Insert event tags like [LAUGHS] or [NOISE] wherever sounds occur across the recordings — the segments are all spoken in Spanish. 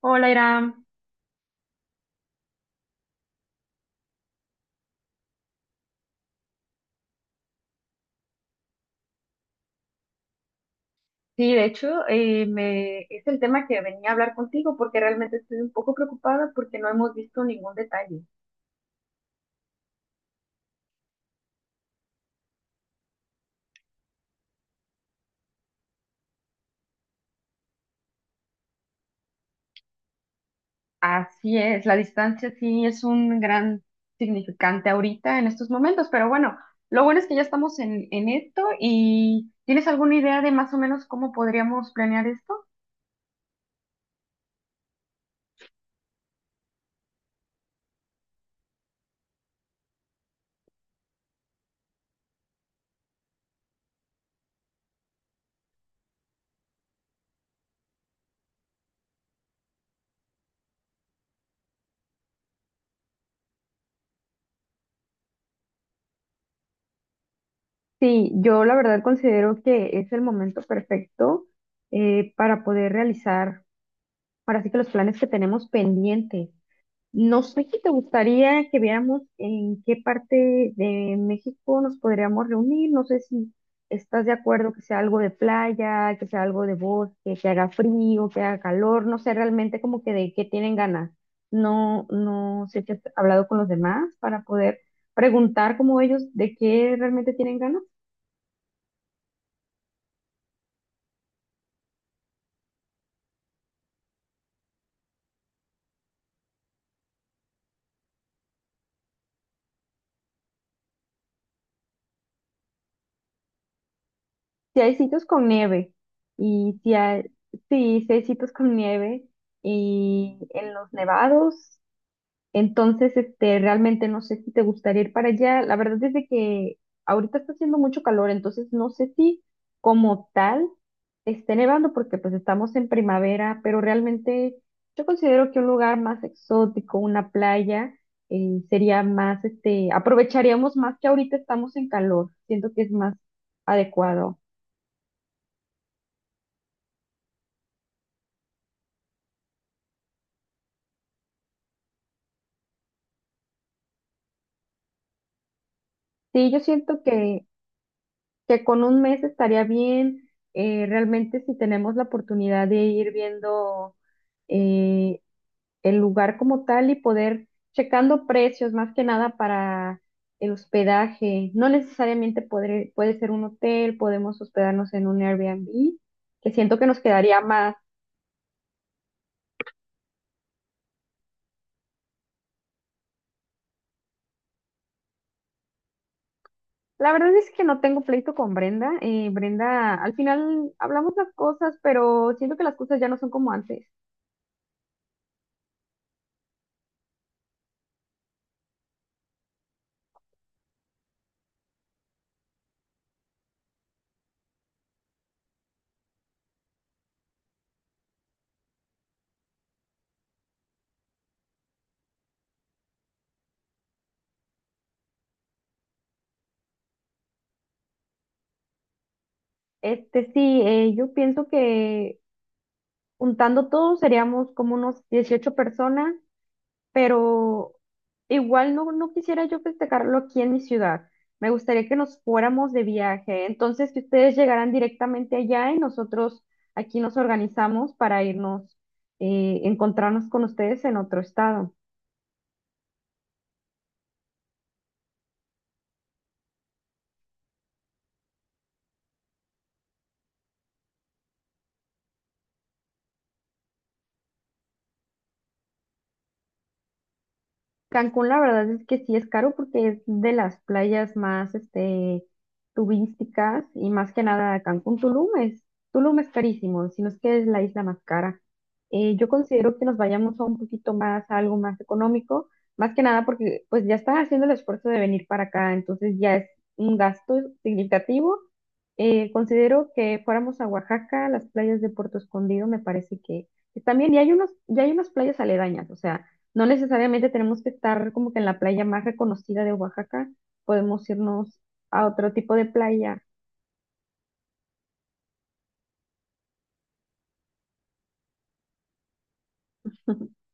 Hola, Iram. Sí, de hecho, es el tema que venía a hablar contigo porque realmente estoy un poco preocupada porque no hemos visto ningún detalle. Así es, la distancia sí es un gran significante ahorita en estos momentos, pero bueno, lo bueno es que ya estamos en esto y ¿tienes alguna idea de más o menos cómo podríamos planear esto? Sí, yo la verdad considero que es el momento perfecto para poder realizar ahora sí que los planes que tenemos pendientes. No sé si te gustaría que viéramos en qué parte de México nos podríamos reunir. No sé si estás de acuerdo que sea algo de playa, que sea algo de bosque, que haga frío, que haga calor. No sé realmente como que de qué tienen ganas. No, no sé si has hablado con los demás para poder preguntar como ellos de qué realmente tienen ganas. Si hay sitios con nieve y si hay, sí, si hay sitios con nieve y en los nevados. Entonces, realmente no sé si te gustaría ir para allá. La verdad es de que ahorita está haciendo mucho calor, entonces no sé si como tal esté nevando porque pues estamos en primavera, pero realmente yo considero que un lugar más exótico, una playa, sería más, aprovecharíamos más que ahorita estamos en calor. Siento que es más adecuado. Sí, yo siento que con un mes estaría bien. Realmente si tenemos la oportunidad de ir viendo eh, el lugar como tal y poder checando precios más que nada para el hospedaje. No necesariamente puede ser un hotel, podemos hospedarnos en un Airbnb, que siento que nos quedaría más. La verdad es que no tengo pleito con Brenda. Brenda, al final hablamos las cosas, pero siento que las cosas ya no son como antes. Sí, yo pienso que juntando todos seríamos como unos 18 personas, pero igual no, no quisiera yo festejarlo aquí en mi ciudad. Me gustaría que nos fuéramos de viaje, entonces que ustedes llegaran directamente allá y nosotros aquí nos organizamos para irnos, encontrarnos con ustedes en otro estado. Cancún, la verdad es que sí es caro porque es de las playas más, turísticas y más que nada Cancún. Tulum es carísimo, sino es que es la isla más cara. Yo considero que nos vayamos a un poquito más, a algo más económico, más que nada porque pues ya estás haciendo el esfuerzo de venir para acá, entonces ya es un gasto significativo. Considero que fuéramos a Oaxaca, las playas de Puerto Escondido me parece que también, y ya hay unas playas aledañas, o sea. No necesariamente tenemos que estar como que en la playa más reconocida de Oaxaca, podemos irnos a otro tipo de playa. [LAUGHS]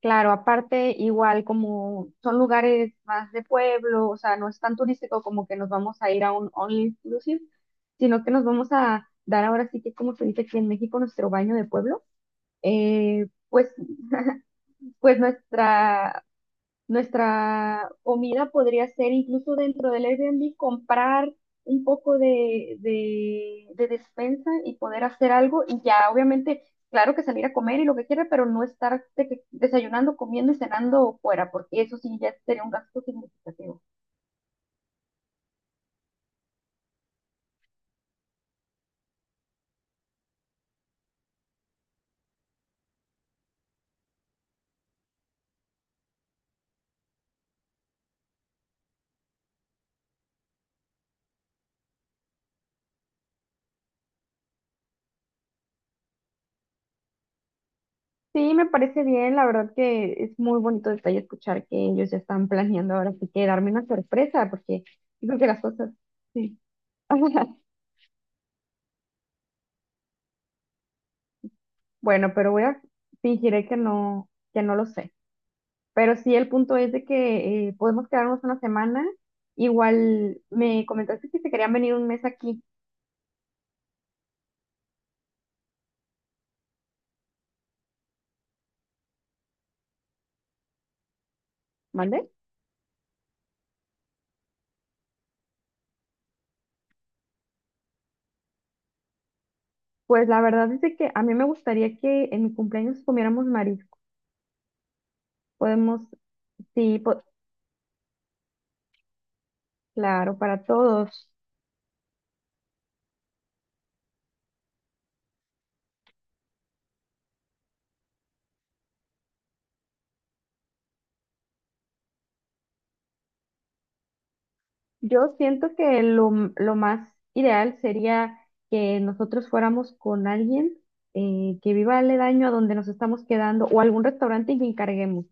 Claro, aparte, igual como son lugares más de pueblo, o sea, no es tan turístico como que nos vamos a ir a un all inclusive, sino que nos vamos a dar ahora sí que, como se dice aquí en México, nuestro baño de pueblo. Eh, pues, [LAUGHS] pues nuestra Nuestra comida podría ser incluso dentro del Airbnb comprar un poco de despensa y poder hacer algo y ya obviamente, claro que salir a comer y lo que quiera, pero no estar desayunando, comiendo y cenando fuera, porque eso sí ya sería un gasto significativo. Sí, me parece bien, la verdad que es muy bonito detalle escuchar que ellos ya están planeando ahora sí que darme una sorpresa, porque yo creo que las cosas, sí. [LAUGHS] Bueno, pero voy a fingiré que no lo sé. Pero sí, el punto es de que podemos quedarnos una semana. Igual me comentaste que se querían venir un mes aquí, ¿vale? Pues la verdad es de que a mí me gustaría que en mi cumpleaños comiéramos marisco. Podemos, sí, claro, para todos. Yo siento que lo más ideal sería que nosotros fuéramos con alguien que viva aledaño a donde nos estamos quedando o algún restaurante y que encarguemos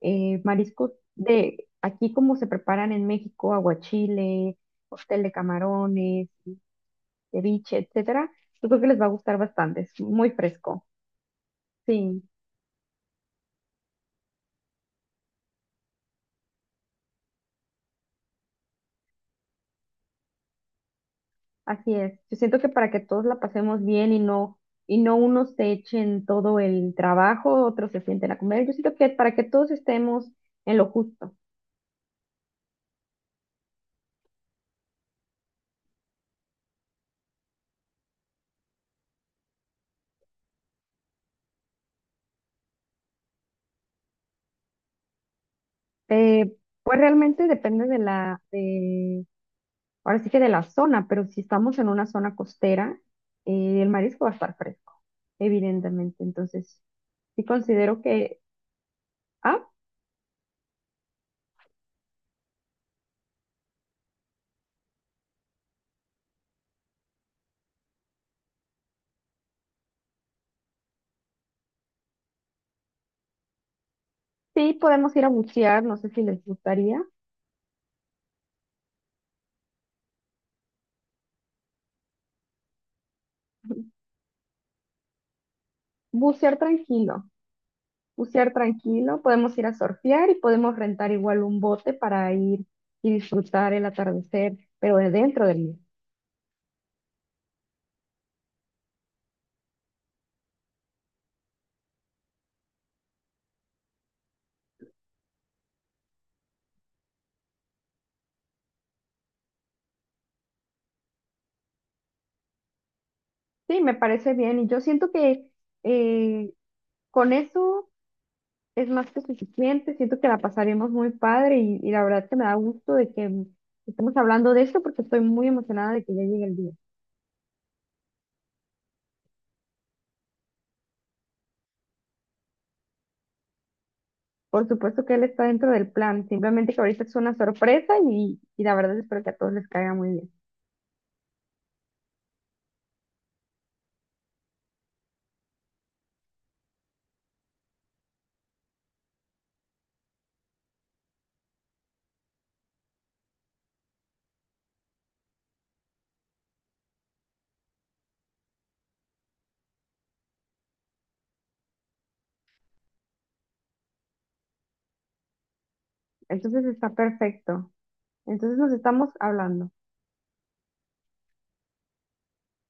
mariscos de aquí como se preparan en México: aguachile, cóctel de camarones, ceviche, etcétera. Yo creo que les va a gustar bastante, es muy fresco. Sí. Así es. Yo siento que para que todos la pasemos bien, y no unos se echen todo el trabajo, otros se sienten a comer. Yo siento que para que todos estemos en lo justo. Eh, pues realmente depende ahora sí que de la zona, pero si estamos en una zona costera, el marisco va a estar fresco, evidentemente. Entonces, sí considero que, ah, sí podemos ir a bucear, no sé si les gustaría. [LAUGHS] Bucear tranquilo. Bucear tranquilo, podemos ir a surfear y podemos rentar igual un bote para ir y disfrutar el atardecer, pero de dentro del mar. Sí, me parece bien y yo siento que eh, con eso es más que suficiente, siento que la pasaremos muy padre y la verdad que me da gusto de que estemos hablando de esto porque estoy muy emocionada de que ya llegue el día. Por supuesto que él está dentro del plan, simplemente que ahorita es una sorpresa y la verdad espero que a todos les caiga muy bien. Entonces está perfecto. Entonces nos estamos hablando.